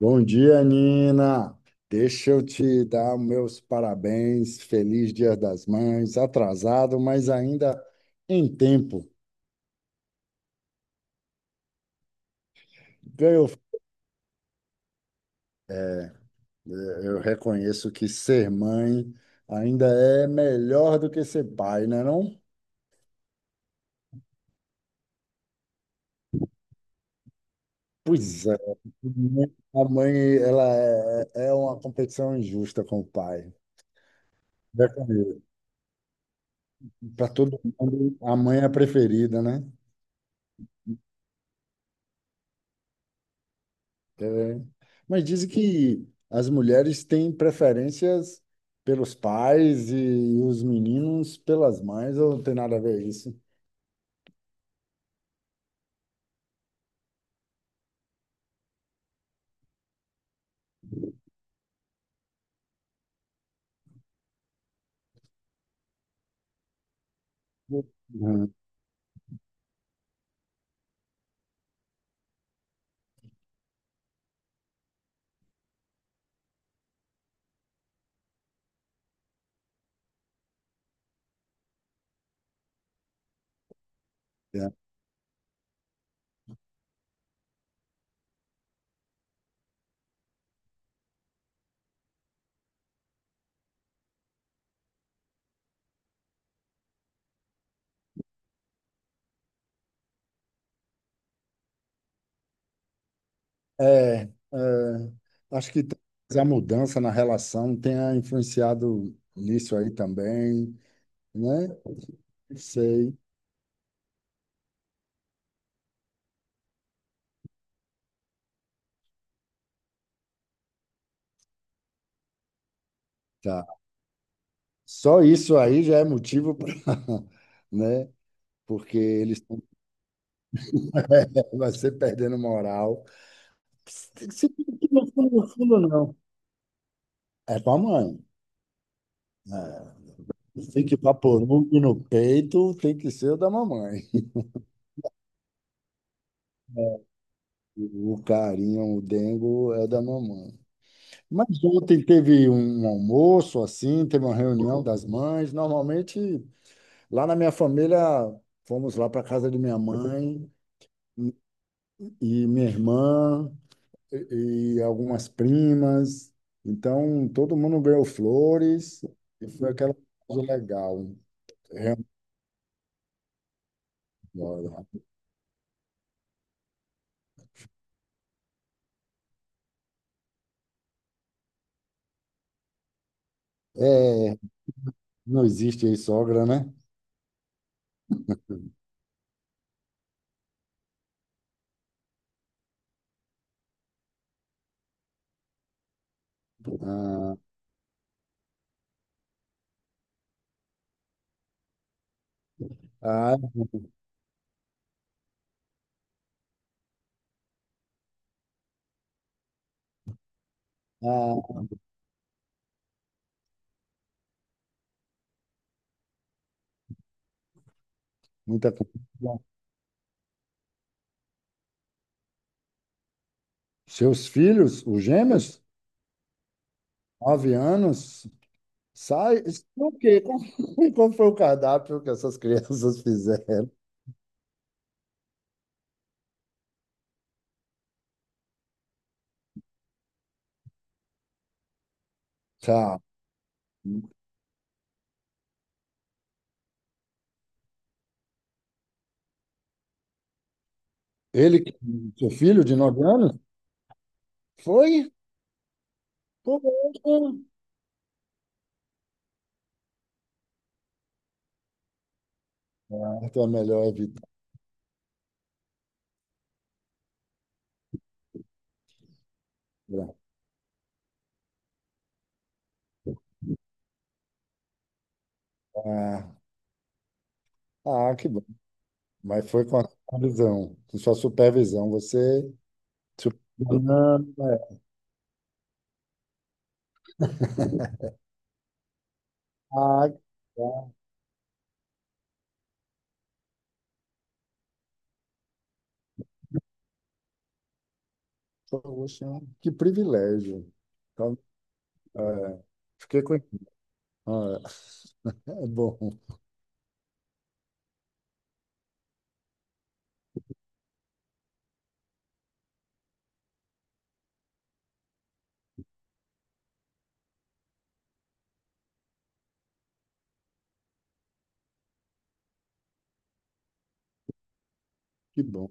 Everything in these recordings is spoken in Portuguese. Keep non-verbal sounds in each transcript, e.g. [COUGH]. Bom dia, Nina. Deixa eu te dar meus parabéns. Feliz Dia das Mães. Atrasado, mas ainda em tempo. Ganhou. Eu reconheço que ser mãe ainda é melhor do que ser pai, né, não? Pois é. A mãe, ela é uma competição injusta com o pai. Para todo mundo, a mãe é a preferida, né? É. Mas dizem que as mulheres têm preferências pelos pais e os meninos pelas mães, ou não tem nada a ver isso? Uhum. É, é, acho que talvez a mudança na relação tenha influenciado nisso aí também, né? Não sei, tá. Só isso aí já é motivo para, [LAUGHS] né? Porque eles [LAUGHS] vai ser perdendo moral. Se- se- No fundo, no fundo, não. É com a mãe, né? Tem que paporugo no peito, tem que ser o da mamãe. O carinho, o dengo é da mamãe. Mas ontem teve um almoço assim, teve uma reunião das mães. Normalmente, lá na minha família, fomos lá para casa de minha mãe e minha irmã e algumas primas. Então, todo mundo ganhou flores e foi aquela coisa legal. Realmente, olha, é, não existe aí sogra, né? Ah, ah, ah, muita confusão. Seus filhos, os gêmeos, 9 anos, sai. O quê? Qual [LAUGHS] qual foi o cardápio que essas crianças fizeram? Tá. Ele, seu filho de 9 anos, foi? Foi. Ah, então é melhor evitar. Ah, ah, que bom. Mas foi com a supervisão, com sua supervisão. Você supervisionando, é. [LAUGHS] Ah, poxa, que privilégio. Então, é, fiquei com. Ah, [LAUGHS] é bom, que bom.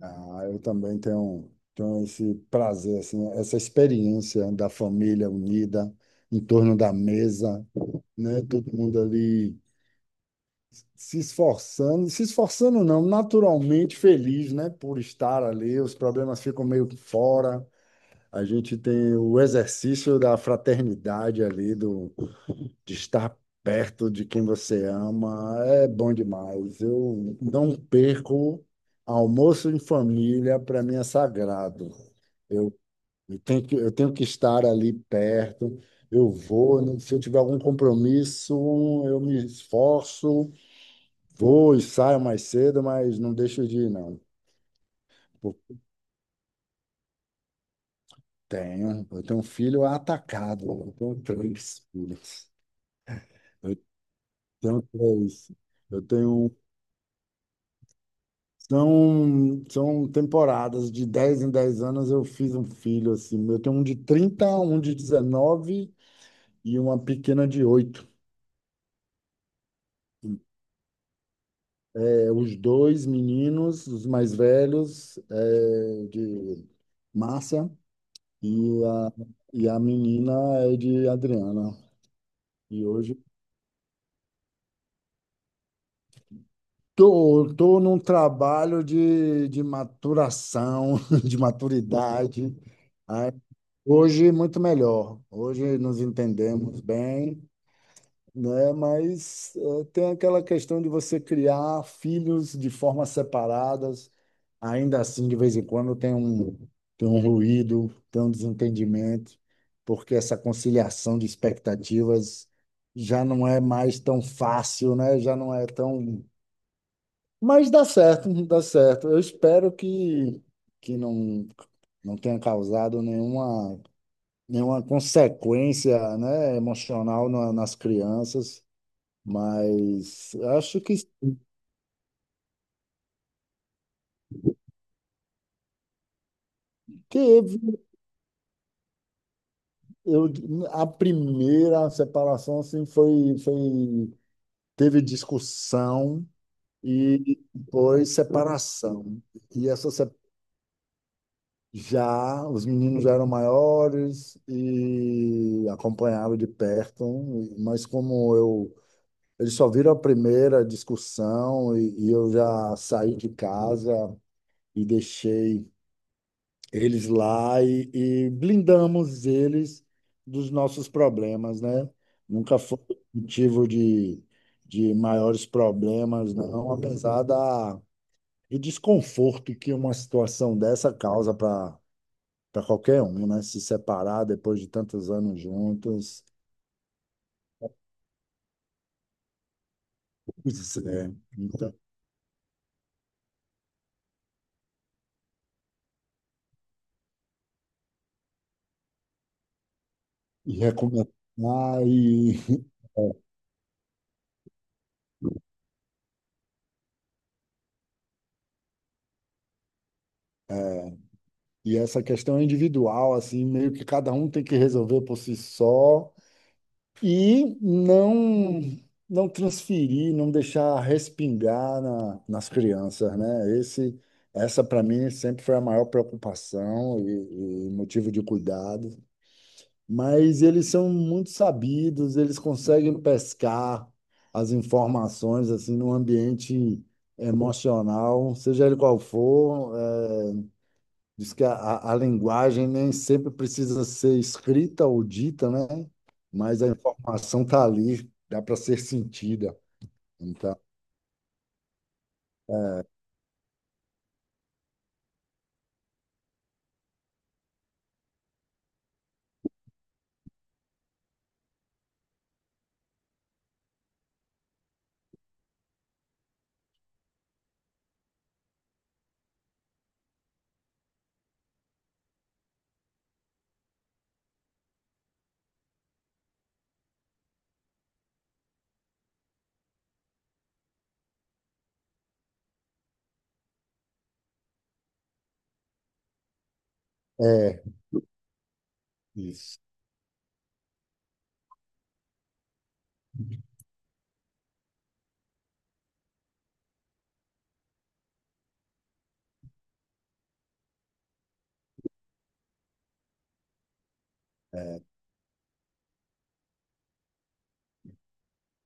Ah, eu também tenho esse prazer, assim, essa experiência da família unida em torno da mesa, né? Todo mundo ali se esforçando, se esforçando não, naturalmente feliz, né? Por estar ali, os problemas ficam meio que fora. A gente tem o exercício da fraternidade ali, de estar perto de quem você ama é bom demais. Eu não perco almoço em família, para mim é sagrado. Eu, eu tenho que estar ali perto. Eu vou, né, se eu tiver algum compromisso, eu me esforço, vou e saio mais cedo, mas não deixo de ir, não. Eu eu tenho um filho atacado, eu tenho três filhos. Eu tenho três. Eu tenho São temporadas, de 10 em 10 anos eu fiz um filho assim. Eu tenho um de 30, um de 19 e uma pequena de 8. É, os dois meninos, os mais velhos, é de Márcia e a, e a menina é de Adriana. E hoje tô num trabalho de maturação, [LAUGHS] de maturidade. Aí, hoje muito melhor. Hoje nos entendemos bem. Né? Mas tem aquela questão de você criar filhos de formas separadas. Ainda assim, de vez em quando tem um, ruído, tem um desentendimento, porque essa conciliação de expectativas já não é mais tão fácil, né? Já não é tão. Mas dá certo, [LAUGHS] dá certo. Eu espero que não, não tenha causado nenhuma consequência, né, emocional nas crianças. Mas acho que teve. Eu, a primeira separação assim, teve discussão e foi separação. E essa se- Já, os meninos já eram maiores e acompanhavam de perto, mas como eu. Eles só viram a primeira discussão e eu já saí de casa e deixei eles lá e blindamos eles dos nossos problemas, né? Nunca foi motivo de maiores problemas, não, apesar da, do desconforto que uma situação dessa causa para qualquer um, né? Se separar depois de tantos anos juntos. Pois é, então, e recomeçar e, é, e essa questão individual, assim, meio que cada um tem que resolver por si só e não não transferir, não deixar respingar nas crianças, né? Esse, essa para mim sempre foi a maior preocupação e motivo de cuidado. Mas eles são muito sabidos, eles conseguem pescar as informações assim num ambiente emocional, seja ele qual for, é, diz que a linguagem nem sempre precisa ser escrita ou dita, né? Mas a informação está ali, dá para ser sentida. Então, é isso.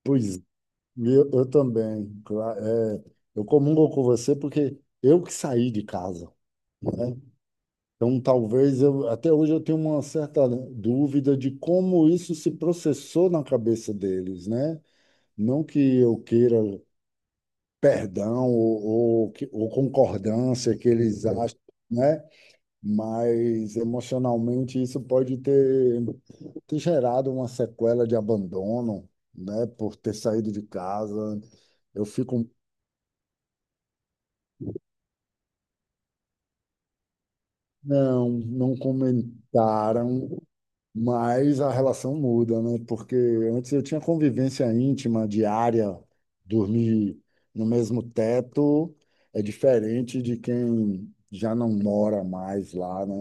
Pois eu também. É, eu comungo com você porque eu que saí de casa, né? Então, talvez eu, até hoje eu tenho uma certa dúvida de como isso se processou na cabeça deles, né? Não que eu queira perdão ou concordância que eles acham, né? Mas emocionalmente isso pode ter gerado uma sequela de abandono, né? Por ter saído de casa. Eu fico, não, não comentaram, mas a relação muda, né? Porque antes eu tinha convivência íntima, diária, dormir no mesmo teto é diferente de quem já não mora mais lá, né?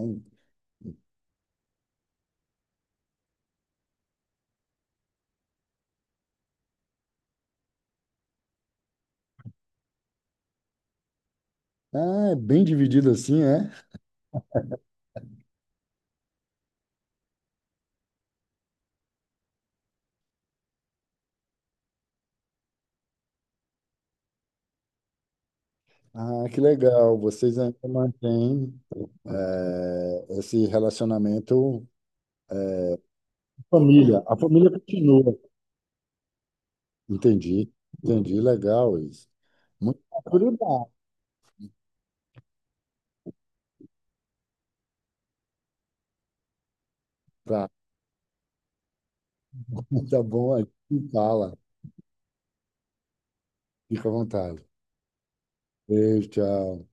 Ah, é bem dividido assim, é? Ah, que legal. Vocês ainda mantêm esse relacionamento. Família. A família continua. Entendi. Entendi. Legal isso. Muito maturidade. Tá, [LAUGHS] tá bom, a gente fala. Fica à vontade. Beijo, tchau.